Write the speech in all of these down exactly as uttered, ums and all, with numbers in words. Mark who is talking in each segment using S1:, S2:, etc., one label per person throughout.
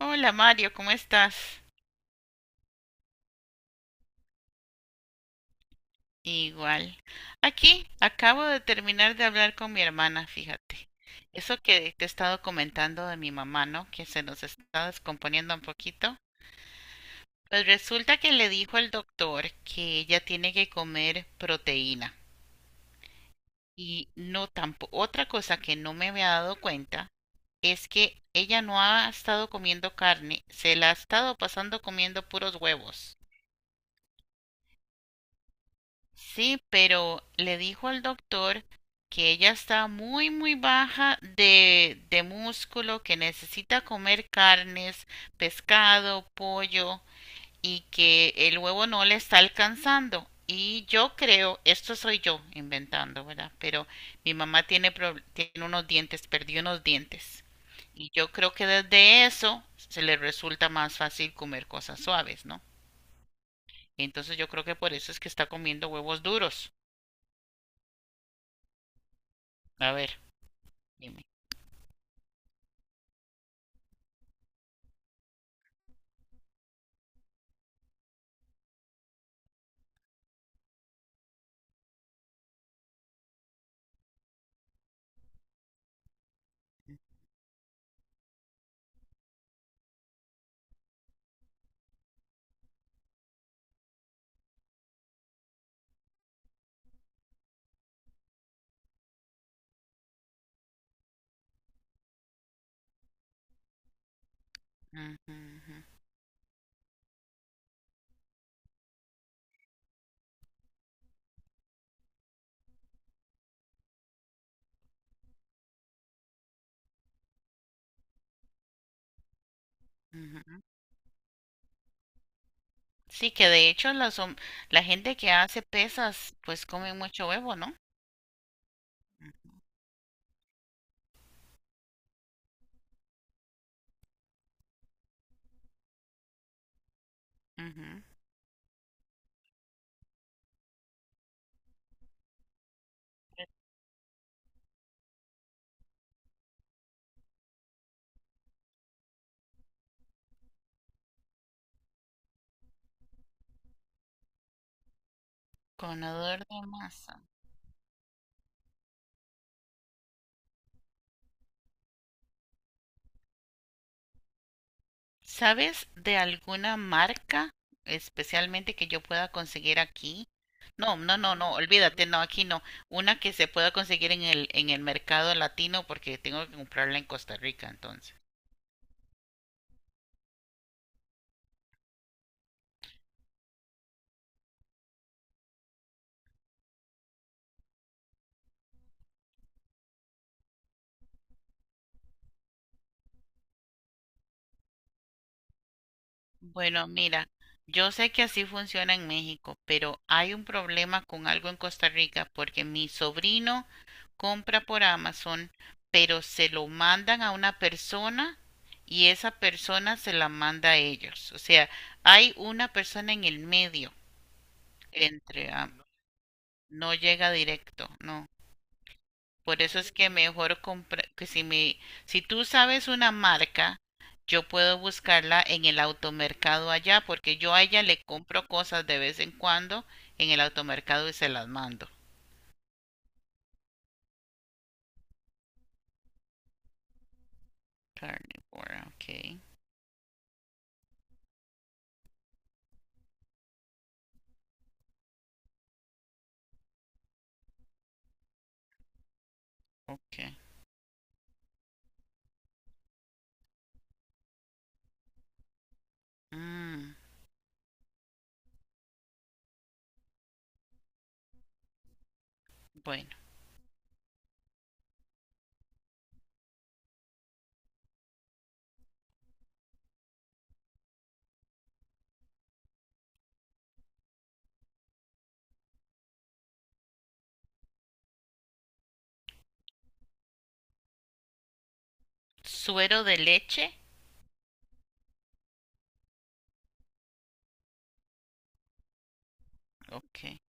S1: Hola Mario, ¿cómo estás? Igual. Aquí acabo de terminar de hablar con mi hermana, fíjate. Eso que te he estado comentando de mi mamá, ¿no? Que se nos está descomponiendo un poquito. Pues resulta que le dijo el doctor que ella tiene que comer proteína. Y no tampoco, otra cosa que no me había dado cuenta es que ella no ha estado comiendo carne, se la ha estado pasando comiendo puros huevos. Sí, pero le dijo al doctor que ella está muy, muy baja de, de músculo, que necesita comer carnes, pescado, pollo y que el huevo no le está alcanzando. Y yo creo, esto soy yo inventando, ¿verdad? Pero mi mamá tiene, prob- tiene unos dientes, perdió unos dientes. Y yo creo que desde eso se le resulta más fácil comer cosas suaves, ¿no? Entonces yo creo que por eso es que está comiendo huevos duros. A ver. Dime. Ujú, ujú, ujú. Sí, que de hecho las hom- la gente que hace pesas pues come mucho huevo, ¿no? Ujú. Conador de masa. ¿Sabes de alguna marca especialmente que yo pueda conseguir aquí? No, no, no, no, olvídate, no, aquí no. Una que se pueda conseguir en el en el mercado latino porque tengo que comprarla en Costa Rica, entonces. Bueno, mira, yo sé que así funciona en México, pero hay un problema con algo en Costa Rica porque mi sobrino compra por Amazon, pero se lo mandan a una persona y esa persona se la manda a ellos. O sea, hay una persona en el medio entre, am- no llega directo, ¿no? Por eso es que mejor comprar, que si me, si tú sabes una marca, yo puedo buscarla en el automercado allá, porque yo a ella le compro cosas de vez en cuando en el automercado y se las mando. Carnivora, ok, ok. Mm, bueno, suero de leche, ok.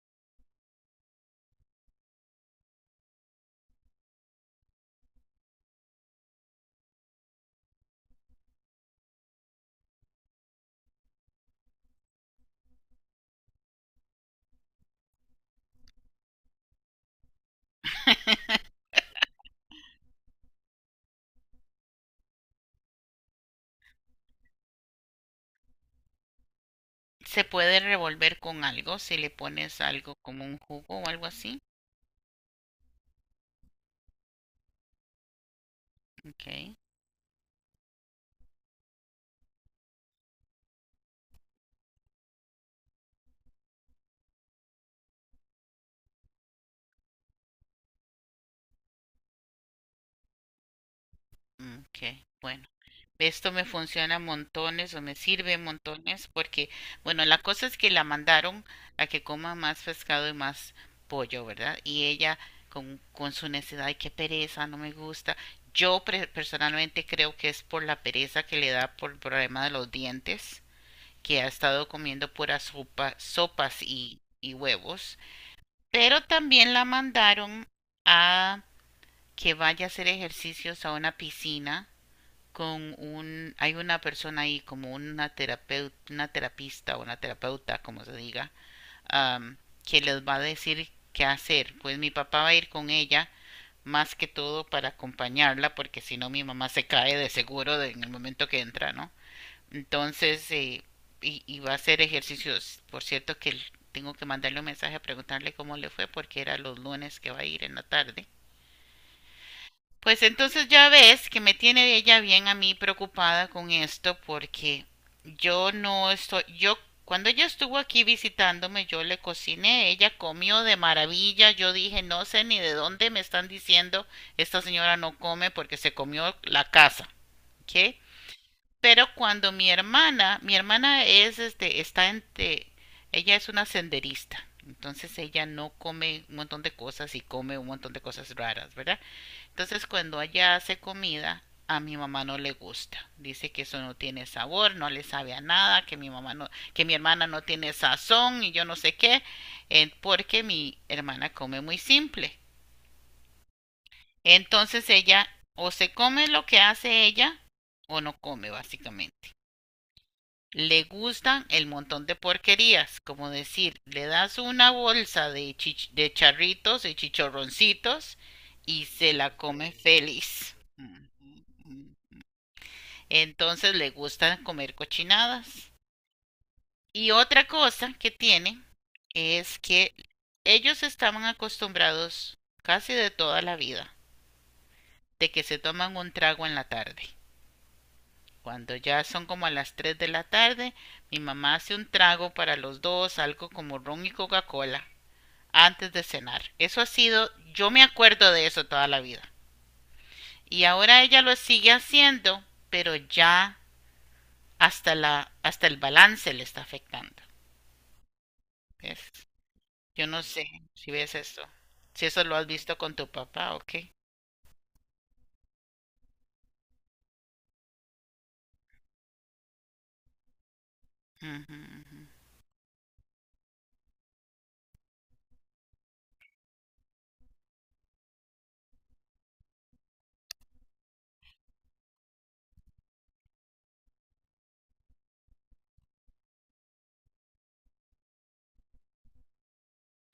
S1: Se puede revolver con algo, si le pones algo como un jugo o algo así, ok, ok, bueno. Esto me funciona montones o me sirve montones porque, bueno, la cosa es que la mandaron a que coma más pescado y más pollo, ¿verdad? Y ella con, con su necesidad, ay, qué pereza, no me gusta. Yo pre- personalmente creo que es por la pereza que le da por el problema de los dientes, que ha estado comiendo puras sopa, sopas y, y huevos. Pero también la mandaron a que vaya a hacer ejercicios a una piscina con un, hay una persona ahí como una terapeuta, una terapista o una terapeuta, como se diga, am, que les va a decir qué hacer. Pues mi papá va a ir con ella más que todo para acompañarla, porque si no mi mamá se cae de seguro de- en el momento que entra, ¿no? Entonces, eh, y, y va a hacer ejercicios. Por cierto que tengo que mandarle un mensaje a preguntarle cómo le fue, porque era los lunes que va a ir en la tarde, pues entonces ya ves que me tiene ella bien a mí preocupada con esto porque yo no estoy, yo cuando ella estuvo aquí visitándome yo le cociné, ella comió de maravilla. Yo dije, no sé ni de dónde me están diciendo, esta señora no come porque se comió la casa, ¿ok? Pero cuando mi hermana, mi hermana es este, está entre, ella es una senderista, entonces ella no come un montón de cosas y come un montón de cosas raras, ¿verdad? Entonces cuando allá hace comida, a mi mamá no le gusta. Dice que eso no tiene sabor, no le sabe a nada, que mi mamá no, que mi hermana no tiene sazón y yo no sé qué, eh, porque mi hermana come muy simple. Entonces ella o se come lo que hace ella o no come básicamente. Le gustan el montón de porquerías, como decir, le das una bolsa de, chich- de charritos y chichorroncitos y se la come feliz. Ujú, ujú. Entonces le gusta comer cochinadas. Y otra cosa que tiene es que ellos estaban acostumbrados casi de toda la vida de que se toman un trago en la tarde. Cuando ya son como a las tres de la tarde, mi mamá hace un trago para los dos, algo como ron y Coca-Cola, antes de cenar. Eso ha sido, yo me acuerdo de eso toda la vida. Y ahora ella lo sigue haciendo, pero ya hasta la hasta el balance le está afectando. ¿Ves? Yo no sé si ves esto, si eso lo has visto con tu papá o qué. Ujú, ujú,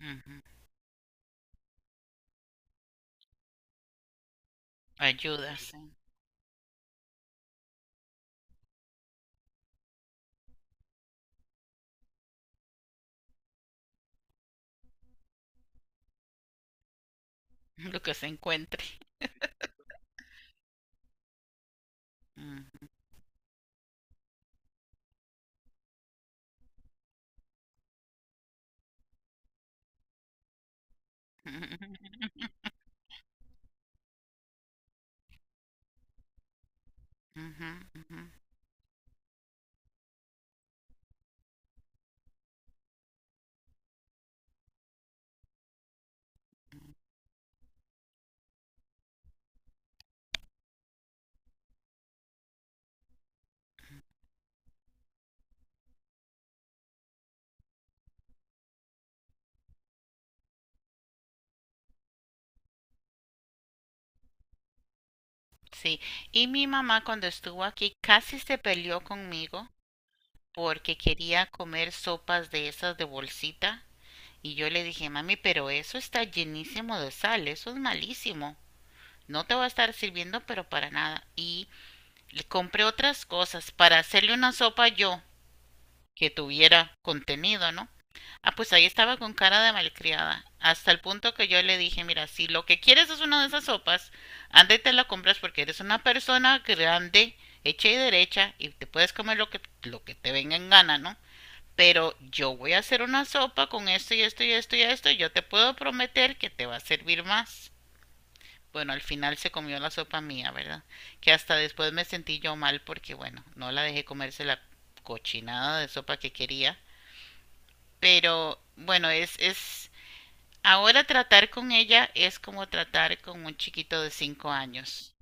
S1: ujú. Ayuda, sí. Lo que se encuentre. Ujú, ujú, ujú. Sí, y mi mamá cuando estuvo aquí casi se peleó conmigo porque quería comer sopas de esas de bolsita y yo le dije, mami, pero eso está llenísimo de sal, eso es malísimo. No te va a estar sirviendo, pero para nada. Y le compré otras cosas para hacerle una sopa yo que tuviera contenido, ¿no? Ah, pues ahí estaba con cara de malcriada, hasta el punto que yo le dije, mira, si lo que quieres es una de esas sopas, anda y te la compras porque eres una persona grande, hecha y derecha, y te puedes comer lo que, lo que te venga en gana, ¿no? Pero yo voy a hacer una sopa con esto y esto y esto y esto, y yo te puedo prometer que te va a servir más. Bueno, al final se comió la sopa mía, ¿verdad? Que hasta después me sentí yo mal porque, bueno, no la dejé comerse la cochinada de sopa que quería, pero bueno, es, es, ahora tratar con ella es como tratar con un chiquito de cinco años.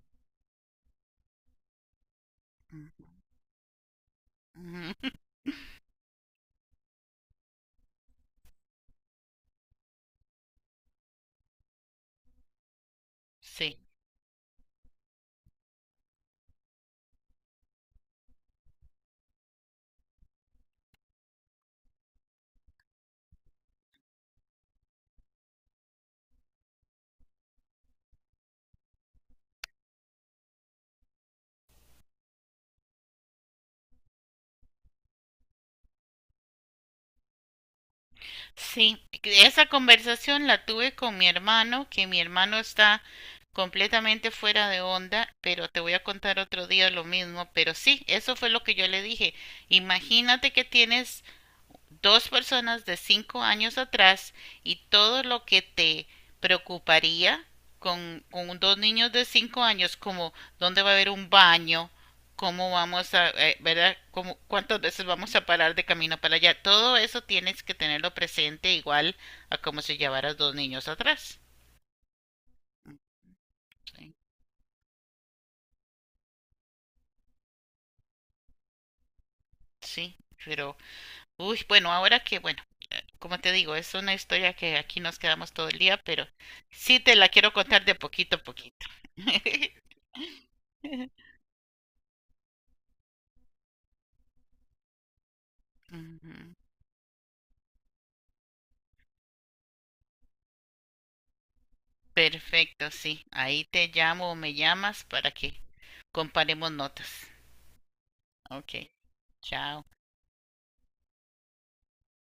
S1: Ujú. Sí, sí, esa conversación la tuve con mi hermano, que mi hermano está completamente fuera de onda, pero te voy a contar otro día lo mismo, pero sí, eso fue lo que yo le dije. Imagínate que tienes dos personas de cinco años atrás y todo lo que te preocuparía con, con dos niños de cinco años, como dónde va a haber un baño, cómo vamos a, eh, ¿verdad? Cómo, cuántas veces vamos a parar de camino para allá. Todo eso tienes que tenerlo presente igual a como si llevaras dos niños atrás. Sí, sí, pero uy, bueno, ahora que, bueno, eh, como te digo, es una historia que aquí nos quedamos todo el día, pero sí te la quiero contar de poquito a poquito. Ujú. Perfecto, sí. Ahí te llamo o me llamas para que comparemos notas. Ok, chao,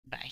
S1: bye.